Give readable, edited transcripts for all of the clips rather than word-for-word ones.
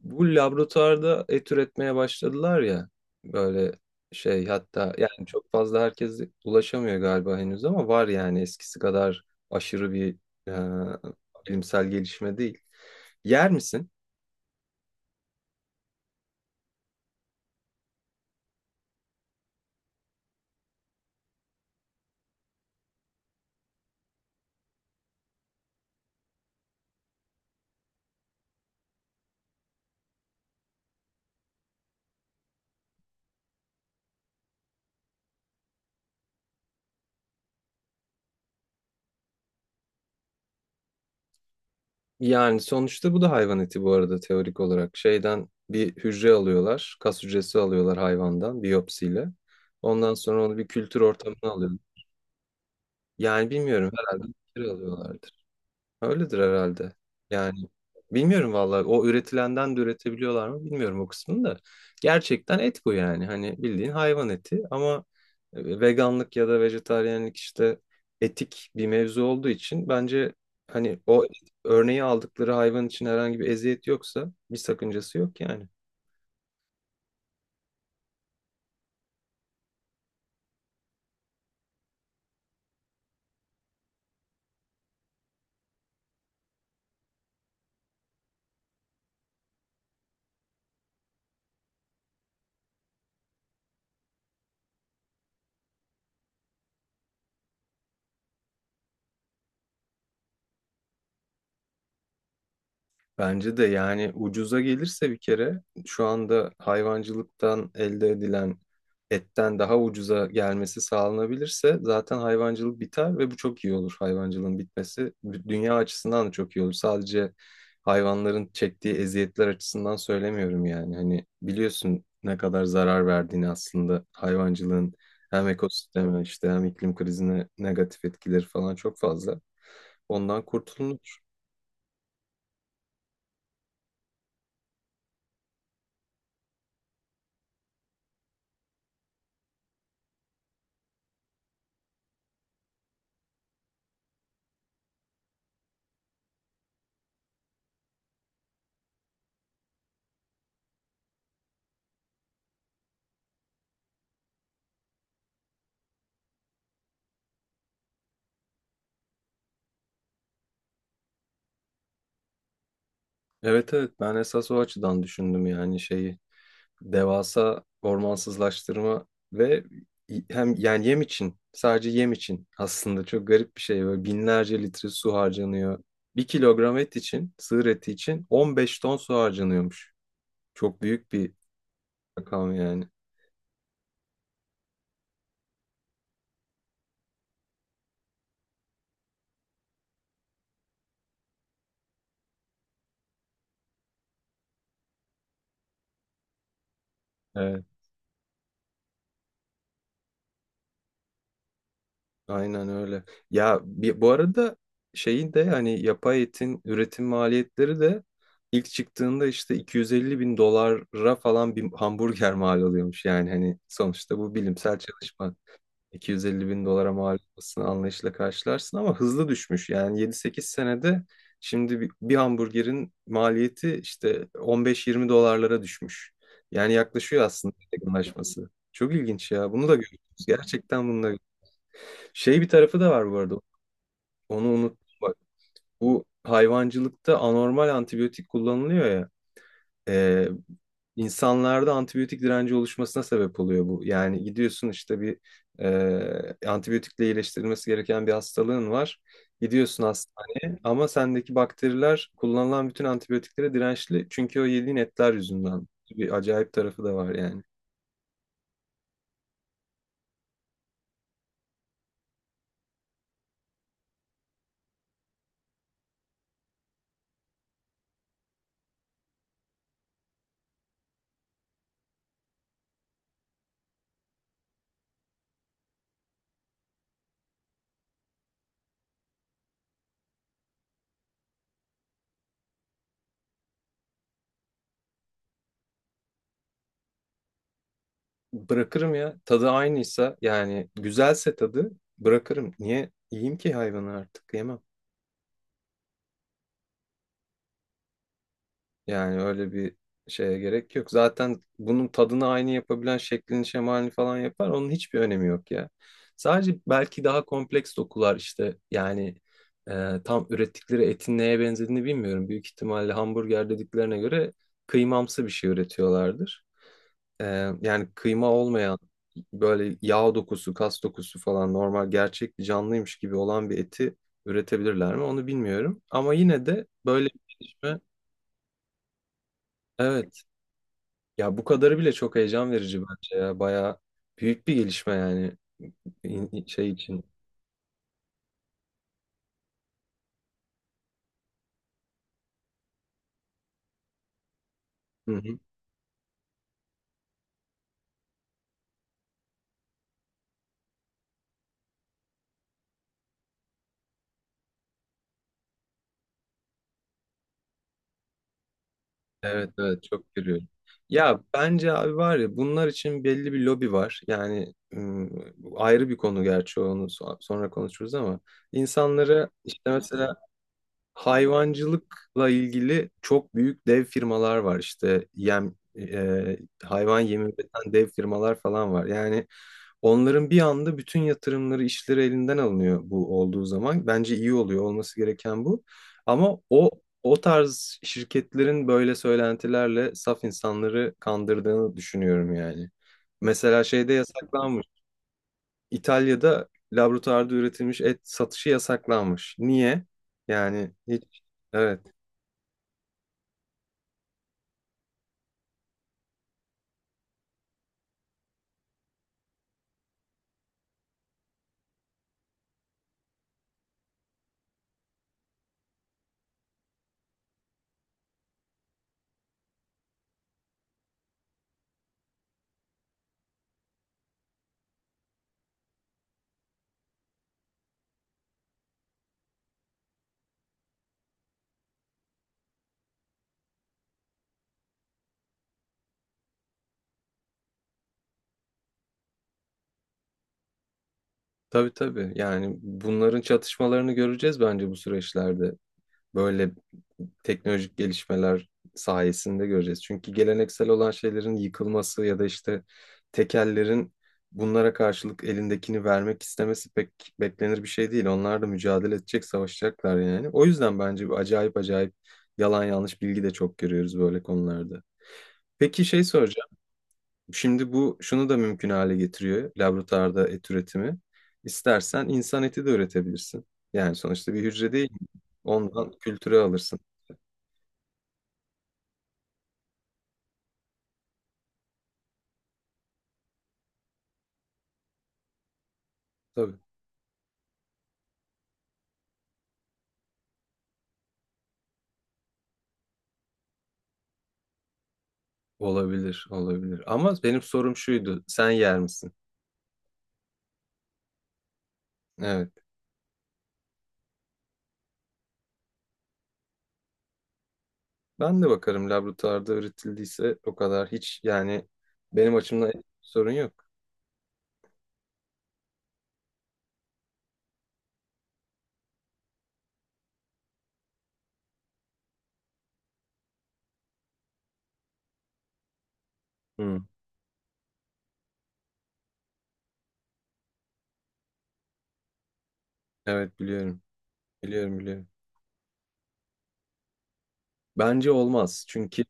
Bu laboratuvarda et üretmeye başladılar ya, böyle şey hatta yani çok fazla herkes ulaşamıyor galiba henüz ama var yani eskisi kadar aşırı bir bilimsel gelişme değil. Yer misin? Yani sonuçta bu da hayvan eti bu arada, teorik olarak. Şeyden bir hücre alıyorlar, kas hücresi alıyorlar hayvandan biyopsiyle. Ondan sonra onu bir kültür ortamına alıyorlar. Yani bilmiyorum, herhalde bir kere alıyorlardır. Öyledir herhalde. Yani bilmiyorum vallahi, o üretilenden de üretebiliyorlar mı bilmiyorum o kısmını da. Gerçekten et bu yani. Hani bildiğin hayvan eti ama veganlık ya da vejetaryenlik işte etik bir mevzu olduğu için bence hani o örneği aldıkları hayvan için herhangi bir eziyet yoksa bir sakıncası yok yani. Bence de yani, ucuza gelirse bir kere, şu anda hayvancılıktan elde edilen etten daha ucuza gelmesi sağlanabilirse zaten hayvancılık biter ve bu çok iyi olur, hayvancılığın bitmesi. Dünya açısından da çok iyi olur. Sadece hayvanların çektiği eziyetler açısından söylemiyorum yani. Hani biliyorsun ne kadar zarar verdiğini aslında hayvancılığın, hem ekosisteme işte, hem iklim krizine negatif etkileri falan çok fazla. Ondan kurtulunur. Evet, evet, ben esas o açıdan düşündüm yani şeyi, devasa ormansızlaştırma ve hem yani yem için, sadece yem için aslında çok garip bir şey, böyle binlerce litre su harcanıyor. Bir kilogram et için, sığır eti için 15 ton su harcanıyormuş. Çok büyük bir rakam yani. Evet. Aynen öyle. Ya, bu arada şeyin de, hani yapay etin üretim maliyetleri de ilk çıktığında işte 250 bin dolara falan bir hamburger mal oluyormuş. Yani hani sonuçta bu bilimsel çalışma. 250 bin dolara mal olmasını anlayışla karşılarsın ama hızlı düşmüş. Yani 7-8 senede şimdi bir hamburgerin maliyeti işte 15-20 dolarlara düşmüş. Yani yaklaşıyor aslında, yakınlaşması. Çok ilginç ya. Bunu da görüyoruz. Gerçekten bunu da, şey bir tarafı da var bu arada. Onu unuttum bak. Bu hayvancılıkta anormal antibiyotik kullanılıyor ya. E, insanlarda antibiyotik direnci oluşmasına sebep oluyor bu. Yani gidiyorsun işte, bir antibiyotikle iyileştirilmesi gereken bir hastalığın var. Gidiyorsun hastaneye ama sendeki bakteriler kullanılan bütün antibiyotiklere dirençli. Çünkü o yediğin etler yüzünden. Bir acayip tarafı da var yani. Bırakırım ya. Tadı aynıysa yani, güzelse tadı bırakırım. Niye yiyeyim ki, hayvanı artık yemem. Yani öyle bir şeye gerek yok. Zaten bunun tadını aynı yapabilen şeklini şemalini falan yapar. Onun hiçbir önemi yok ya. Sadece belki daha kompleks dokular işte, yani tam ürettikleri etin neye benzediğini bilmiyorum. Büyük ihtimalle hamburger dediklerine göre kıymamsı bir şey üretiyorlardır. Yani kıyma olmayan, böyle yağ dokusu, kas dokusu falan normal gerçek bir canlıymış gibi olan bir eti üretebilirler mi, onu bilmiyorum. Ama yine de böyle bir gelişme, evet ya, bu kadarı bile çok heyecan verici bence, ya bayağı büyük bir gelişme yani şey için. Hı hı. Evet, evet, çok görüyorum. Ya bence abi, var ya, bunlar için belli bir lobi var. Yani ayrı bir konu gerçi, onu sonra konuşuruz ama insanları işte mesela hayvancılıkla ilgili çok büyük dev firmalar var işte, yem hayvan yemi üreten dev firmalar falan var. Yani onların bir anda bütün yatırımları, işleri elinden alınıyor bu olduğu zaman. Bence iyi oluyor, olması gereken bu. Ama o tarz şirketlerin böyle söylentilerle saf insanları kandırdığını düşünüyorum yani. Mesela şeyde yasaklanmış. İtalya'da laboratuvarda üretilmiş et satışı yasaklanmış. Niye? Yani hiç, evet, tabii tabii, yani bunların çatışmalarını göreceğiz bence bu süreçlerde. Böyle teknolojik gelişmeler sayesinde göreceğiz. Çünkü geleneksel olan şeylerin yıkılması ya da işte tekellerin bunlara karşılık elindekini vermek istemesi pek beklenir bir şey değil. Onlar da mücadele edecek, savaşacaklar yani. O yüzden bence bu acayip acayip yalan yanlış bilgi de çok görüyoruz böyle konularda. Peki, şey soracağım. Şimdi bu şunu da mümkün hale getiriyor, laboratuvarda et üretimi. İstersen insan eti de üretebilirsin. Yani sonuçta bir hücre, değil mi? Ondan kültüre alırsın. Tabii. Olabilir, olabilir. Ama benim sorum şuydu. Sen yer misin? Evet. Ben de bakarım, laboratuvarda üretildiyse o kadar hiç yani, benim açımdan sorun yok. Hı. Evet, biliyorum. Biliyorum, biliyorum. Bence olmaz. Çünkü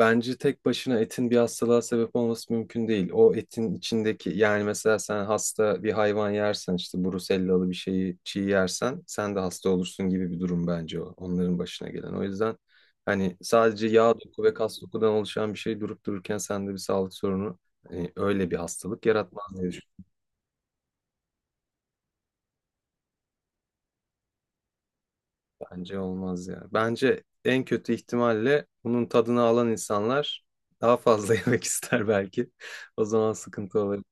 bence tek başına etin bir hastalığa sebep olması mümkün değil. O etin içindeki, yani mesela sen hasta bir hayvan yersen, işte brusellalı bir şeyi çiğ yersen sen de hasta olursun gibi bir durum bence o, onların başına gelen. O yüzden hani sadece yağ doku ve kas dokudan oluşan bir şey durup dururken sende bir sağlık sorunu, hani öyle bir hastalık yaratmaz diye düşünüyorum. Bence olmaz ya. Bence en kötü ihtimalle bunun tadını alan insanlar daha fazla yemek ister belki. O zaman sıkıntı olabilir.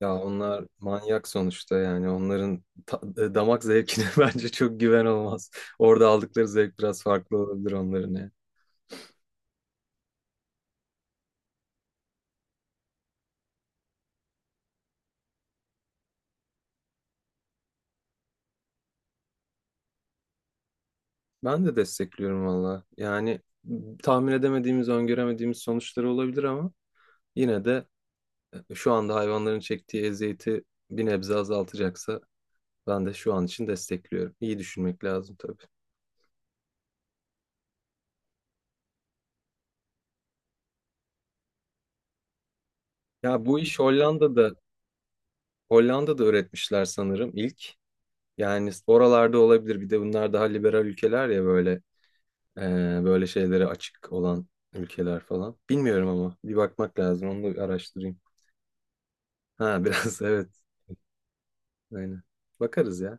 Ya onlar manyak sonuçta yani, onların damak zevkine bence çok güven olmaz. Orada aldıkları zevk biraz farklı olabilir onların ya. Ben de destekliyorum valla. Yani tahmin edemediğimiz, öngöremediğimiz sonuçları olabilir ama yine de şu anda hayvanların çektiği eziyeti bir nebze azaltacaksa ben de şu an için destekliyorum. İyi düşünmek lazım tabii. Ya bu iş Hollanda'da öğretmişler sanırım ilk. Yani oralarda olabilir. Bir de bunlar daha liberal ülkeler ya, böyle e, böyle şeylere açık olan ülkeler falan. Bilmiyorum ama bir bakmak lazım. Onu da araştırayım. Ha biraz, evet. Aynen. Bakarız ya.